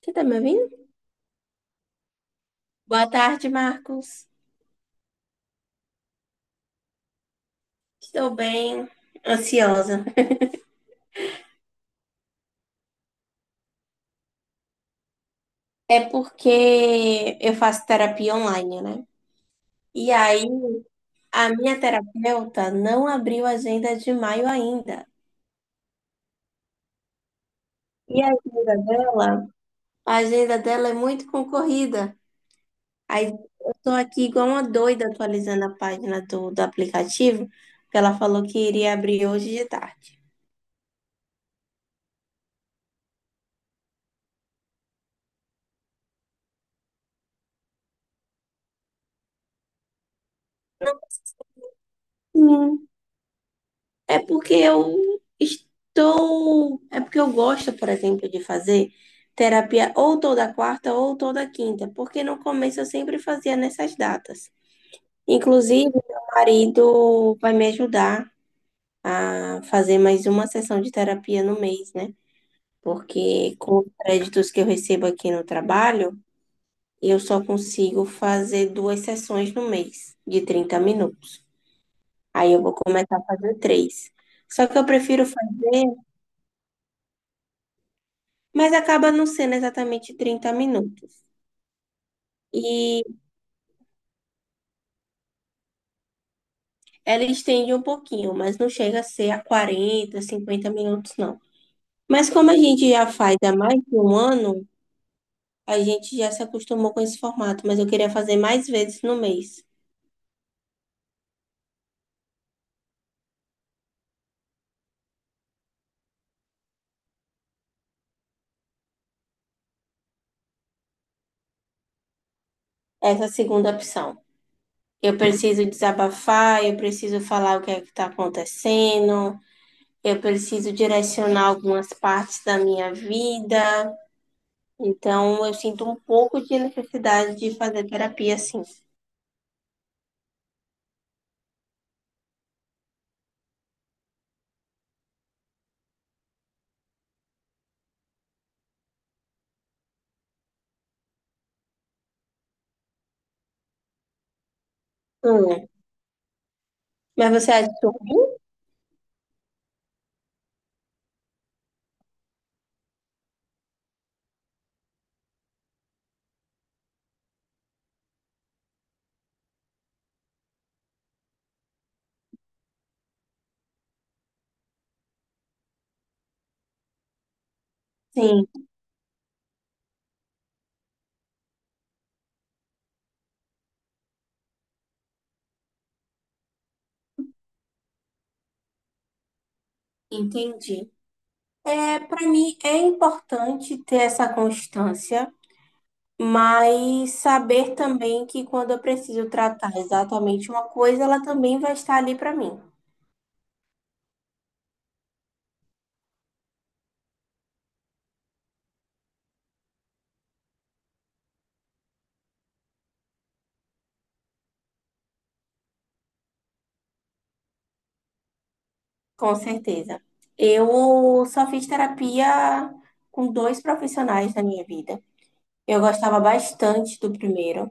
Você tá me ouvindo? Boa tarde, Marcos. Estou bem ansiosa. É porque eu faço terapia online, né? E aí, a minha terapeuta não abriu a agenda de maio ainda. E a agenda dela, a agenda dela é muito concorrida. Aí eu tô aqui igual uma doida atualizando a página do aplicativo, que ela falou que iria abrir hoje de tarde. Hum. É porque eu estou. É porque eu gosto, por exemplo, de fazer terapia ou toda quarta ou toda quinta, porque no começo eu sempre fazia nessas datas. Inclusive, meu marido vai me ajudar a fazer mais uma sessão de terapia no mês, né? Porque com os créditos que eu recebo aqui no trabalho, eu só consigo fazer duas sessões no mês, de 30 minutos. Aí eu vou começar a fazer três. Só que eu prefiro fazer. Mas acaba não sendo exatamente 30 minutos. E ela estende um pouquinho, mas não chega a ser a 40, 50 minutos, não. Mas como a gente já faz há mais de um ano, a gente já se acostumou com esse formato, mas eu queria fazer mais vezes no mês. Essa é segunda opção. Eu preciso desabafar, eu preciso falar o que é que está acontecendo, eu preciso direcionar algumas partes da minha vida. Então, eu sinto um pouco de necessidade de fazer terapia, sim. Hum. Mas você achou? Sim, entendi. É, para mim é importante ter essa constância, mas saber também que quando eu preciso tratar exatamente uma coisa, ela também vai estar ali para mim, com certeza. Eu só fiz terapia com dois profissionais na minha vida. Eu gostava bastante do primeiro,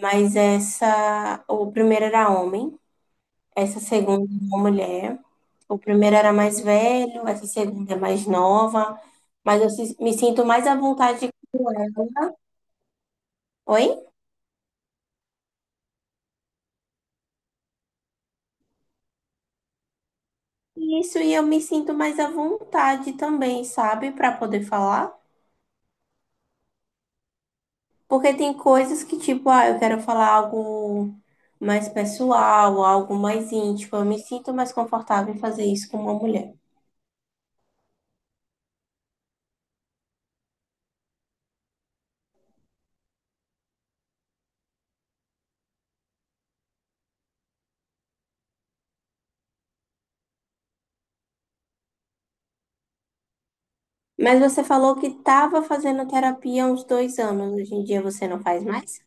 mas essa, o primeiro era homem. Essa segunda é uma mulher. O primeiro era mais velho, essa segunda é mais nova. Mas eu me sinto mais à vontade com ela. Oi? Isso, e eu me sinto mais à vontade também, sabe? Pra poder falar. Porque tem coisas que, tipo, ah, eu quero falar algo mais pessoal, algo mais íntimo. Eu me sinto mais confortável em fazer isso com uma mulher. Mas você falou que estava fazendo terapia há uns 2 anos. Hoje em dia você não faz mais?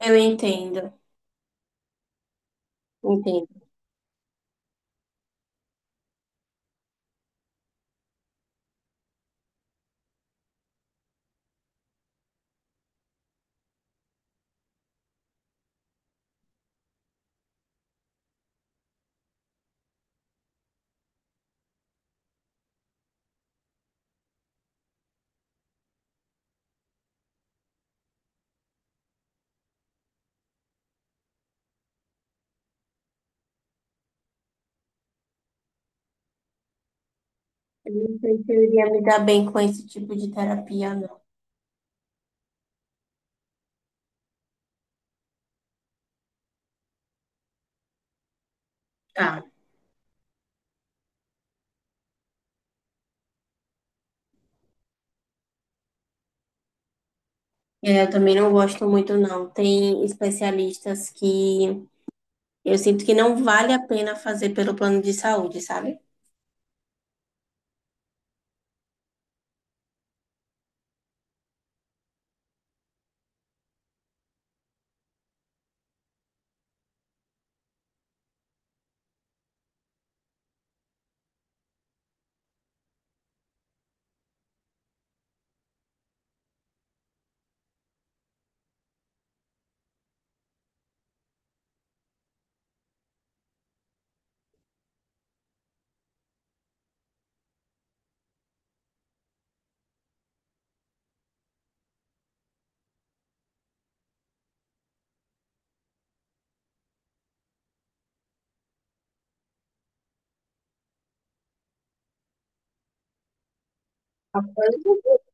Eu entendo. Entendo. Eu não sei se eu iria me dar bem com esse tipo de terapia, não. Tá. É, eu também não gosto muito, não. Tem especialistas que eu sinto que não vale a pena fazer pelo plano de saúde, sabe?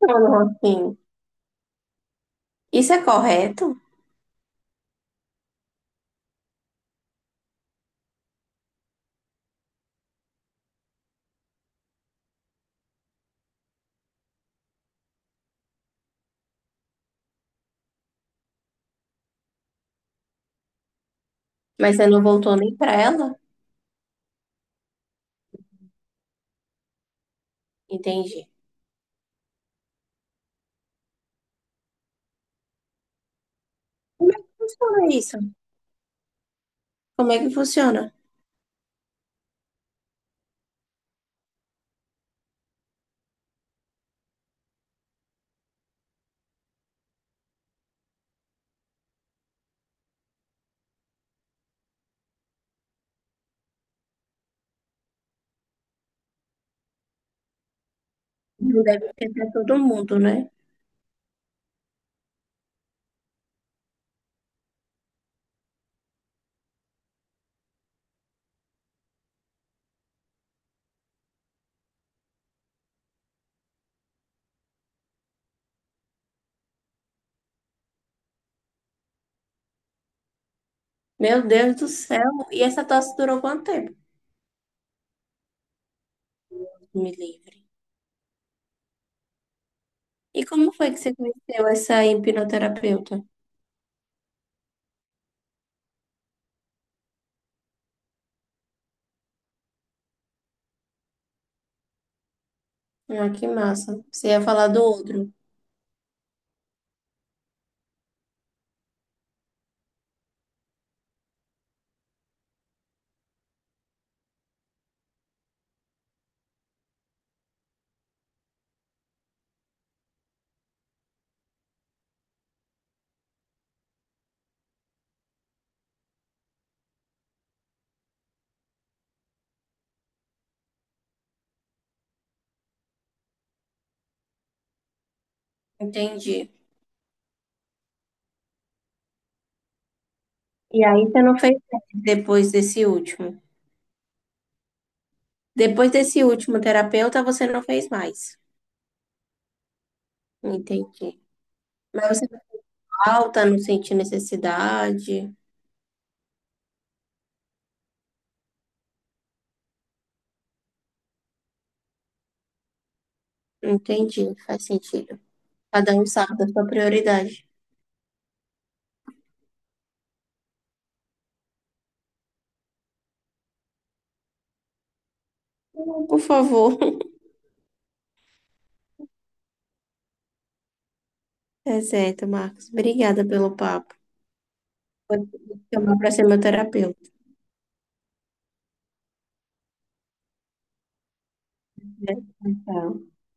Não, assim, isso é correto, mas você não voltou nem pra ela? Entendi. Como é que funciona isso? Como é que funciona? Não deve ser pra todo mundo, né? Meu Deus do céu. E essa tosse durou quanto tempo? Me livre. E como foi que você conheceu essa hipnoterapeuta? Ah, que massa. Você ia falar do outro. Entendi. E aí você não fez mais depois desse último. Depois desse último terapeuta, você não fez mais. Entendi. Mas você falta, não sente necessidade. Entendi, faz sentido. Cada um sabe da sua prioridade. Por favor. É certo, Marcos. Obrigada pelo papo. Vou te chamar para ser meu terapeuta. Né? Tchau.